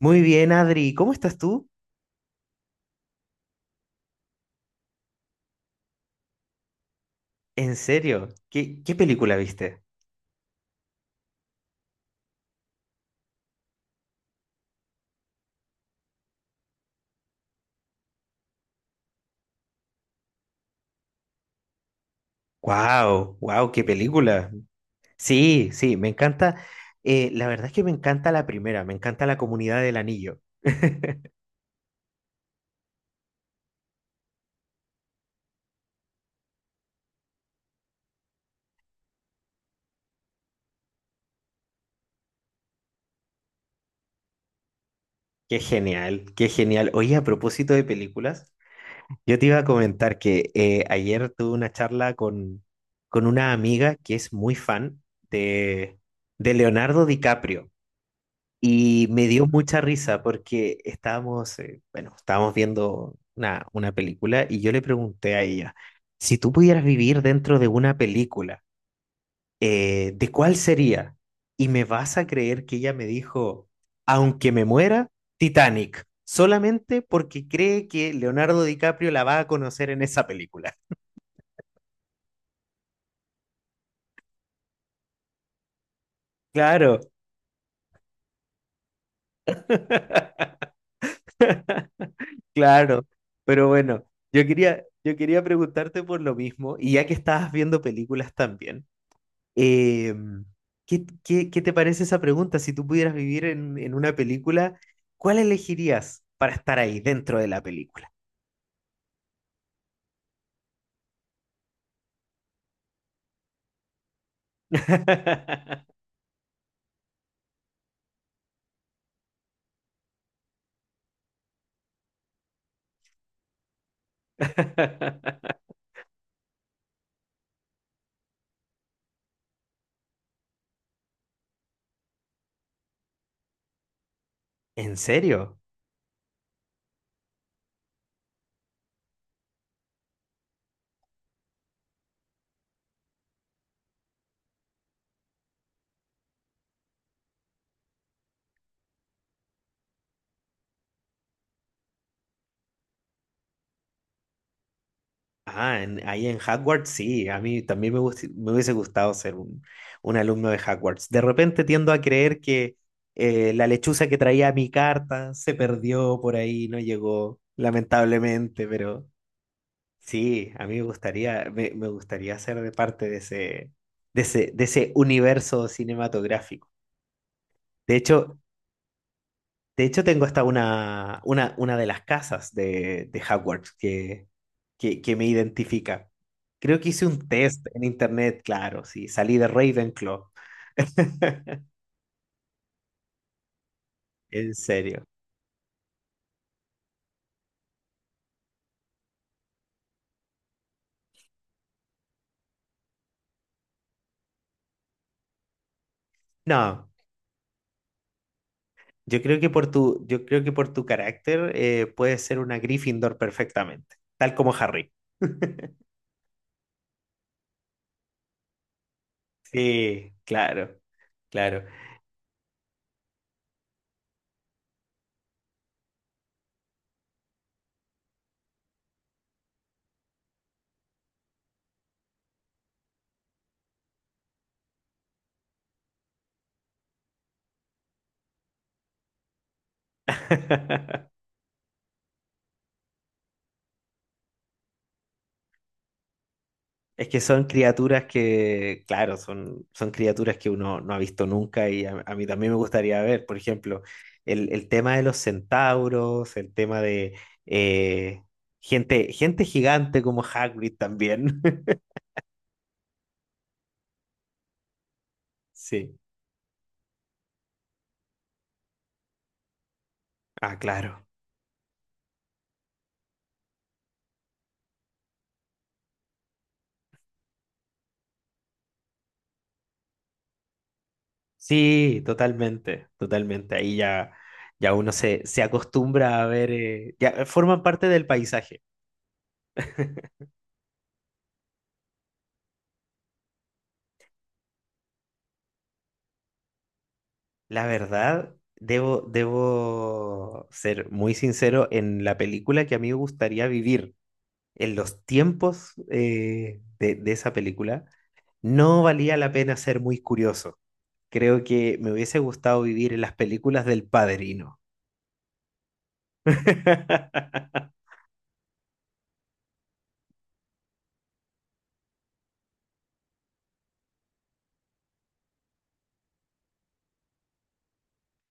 Muy bien, Adri. ¿Cómo estás tú? En serio, ¿qué película viste? ¡Wow! ¡Wow! ¡Qué película! Sí, sí, me encanta. La verdad es que me encanta la primera, me encanta la comunidad del anillo. Qué genial, qué genial. Oye, a propósito de películas, yo te iba a comentar que ayer tuve una charla con una amiga que es muy fan de, de Leonardo DiCaprio. Y me dio mucha risa porque estábamos viendo una película y yo le pregunté a ella, si tú pudieras vivir dentro de una película, ¿de cuál sería? Y me vas a creer que ella me dijo, aunque me muera, Titanic, solamente porque cree que Leonardo DiCaprio la va a conocer en esa película. Claro, claro, pero bueno, yo quería preguntarte por lo mismo y ya que estabas viendo películas también. Eh, ¿ Qué te parece esa pregunta? Si tú pudieras vivir en una película, ¿cuál elegirías para estar ahí dentro de la película? ¿En serio? Ah, ahí en Hogwarts sí, a mí también me hubiese gustado ser un alumno de Hogwarts. De repente tiendo a creer que la lechuza que traía mi carta se perdió por ahí, no llegó, lamentablemente, pero... Sí, a mí me gustaría, me gustaría ser de parte de ese, de ese universo cinematográfico. De hecho, de hecho tengo hasta una de las casas de Hogwarts que me identifica. Creo que hice un test en internet, claro, sí, salí de Ravenclaw, en serio. No, yo creo que por tu, yo creo que por tu carácter puedes ser una Gryffindor perfectamente, tal como Harry. Sí, claro, claro. Es que son criaturas que, claro, son criaturas que uno no ha visto nunca y a mí también me gustaría ver, por ejemplo, el tema de los centauros, el tema de eh, gente gigante como Hagrid también. Sí, ah, claro. Sí, totalmente, totalmente. Ahí ya, ya uno se acostumbra a ver, ya forman parte del paisaje. La verdad, debo ser muy sincero en la película que a mí me gustaría vivir, en los tiempos de esa película, no valía la pena ser muy curioso. Creo que me hubiese gustado vivir en las películas del Padrino.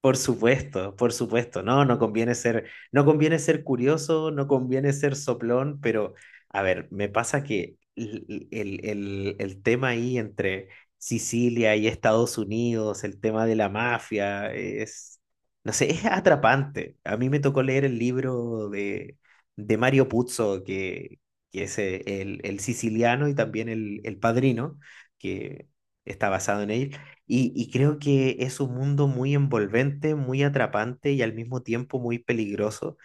Por supuesto, por supuesto. No, no conviene ser, no conviene ser curioso, no conviene ser soplón, pero a ver, me pasa que el tema ahí entre Sicilia y Estados Unidos, el tema de la mafia, es, no sé, es atrapante. A mí me tocó leer el libro de Mario Puzo, que es el siciliano y también el padrino, que está basado en él. Y creo que es un mundo muy envolvente, muy atrapante y al mismo tiempo muy peligroso,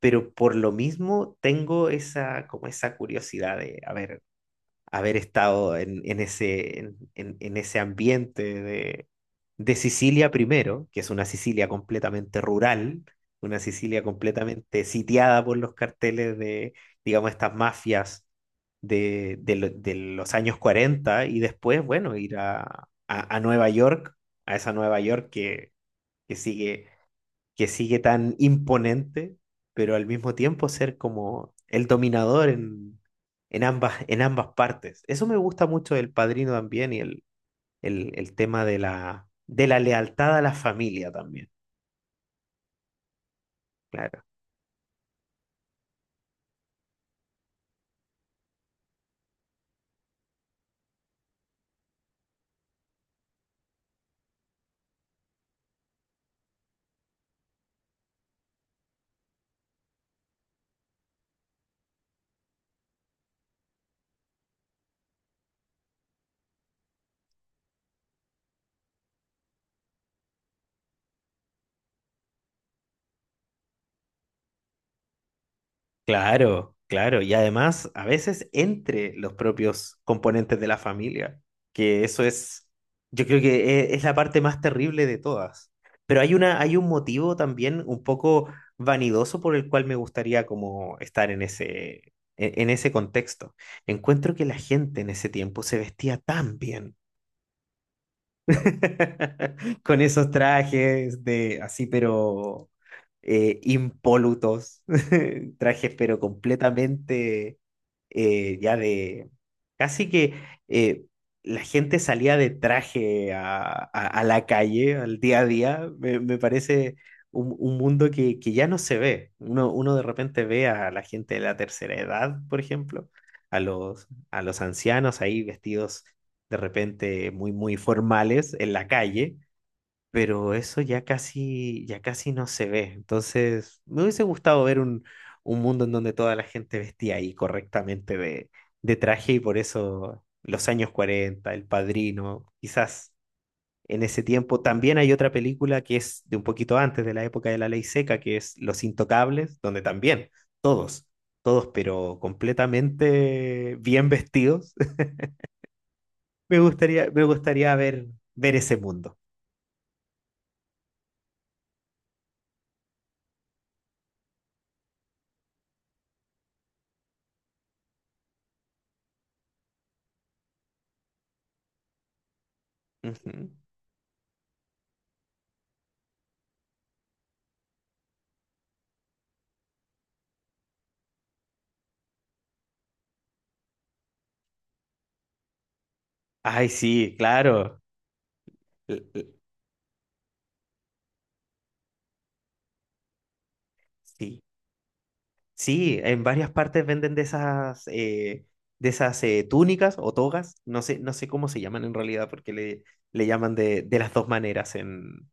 pero por lo mismo tengo esa, como esa curiosidad de, a ver, haber estado en ese ambiente de Sicilia primero, que es una Sicilia completamente rural, una Sicilia completamente sitiada por los carteles de, digamos, estas mafias de los años 40 y después, bueno, ir a Nueva York, a esa Nueva York que sigue que sigue tan imponente, pero al mismo tiempo ser como el dominador en ambas partes. Eso me gusta mucho del padrino también y el tema de la lealtad a la familia también. Claro. Claro, claro. Y además, a veces entre los propios componentes de la familia, que eso es, yo creo que es la parte más terrible de todas. Pero hay una, hay un motivo también un poco vanidoso por el cual me gustaría como estar en ese contexto. Encuentro que la gente en ese tiempo se vestía tan bien. Con esos trajes de así, pero impolutos. Trajes, pero completamente ya de. Casi que eh, la gente salía de traje a la calle, al día a día. Me parece un mundo que ya no se ve. Uno, uno de repente ve a la gente de la tercera edad, por ejemplo, a los ancianos ahí vestidos de repente muy, muy formales en la calle, pero eso ya casi no se ve. Entonces, me hubiese gustado ver un mundo en donde toda la gente vestía ahí correctamente de traje y por eso los años 40 El Padrino, quizás en ese tiempo. También hay otra película que es de un poquito antes de la época de la ley seca, que es Los Intocables, donde también todos, todos, pero completamente bien vestidos me gustaría ver, ver ese mundo. Ujú. Ay, sí, claro. L- l- Sí, sí, en varias partes venden de esas, túnicas o togas. No sé, no sé cómo se llaman en realidad, porque le llaman de las dos maneras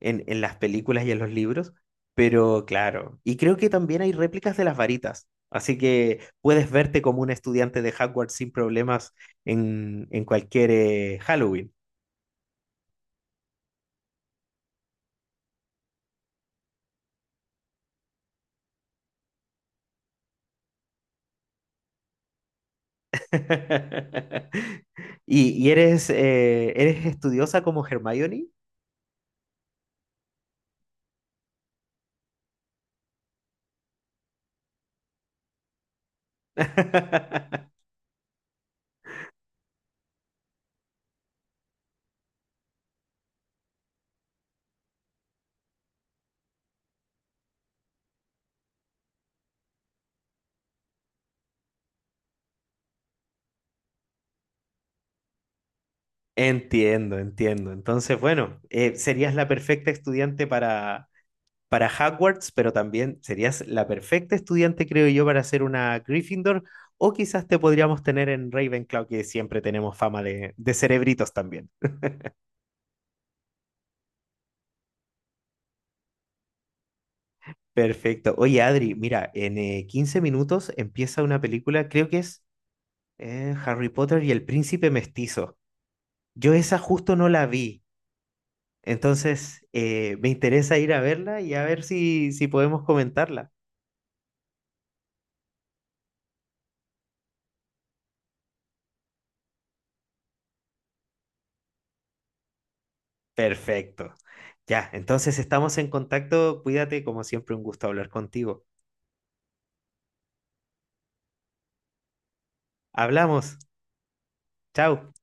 en las películas y en los libros. Pero claro, y creo que también hay réplicas de las varitas. Así que puedes verte como un estudiante de Hogwarts sin problemas en cualquier Halloween. ¿Y eres, ¿eres estudiosa como Hermione? Entiendo, entiendo. Entonces, bueno, serías la perfecta estudiante para Hogwarts, pero también serías la perfecta estudiante, creo yo, para ser una Gryffindor, o quizás te podríamos tener en Ravenclaw, que siempre tenemos fama de cerebritos también. Perfecto. Oye, Adri, mira, en 15 minutos empieza una película, creo que es Harry Potter y el Príncipe Mestizo. Yo esa justo no la vi, entonces me interesa ir a verla y a ver si, si podemos comentarla. Perfecto. Ya, entonces estamos en contacto. Cuídate, como siempre, un gusto hablar contigo. Hablamos. Chao.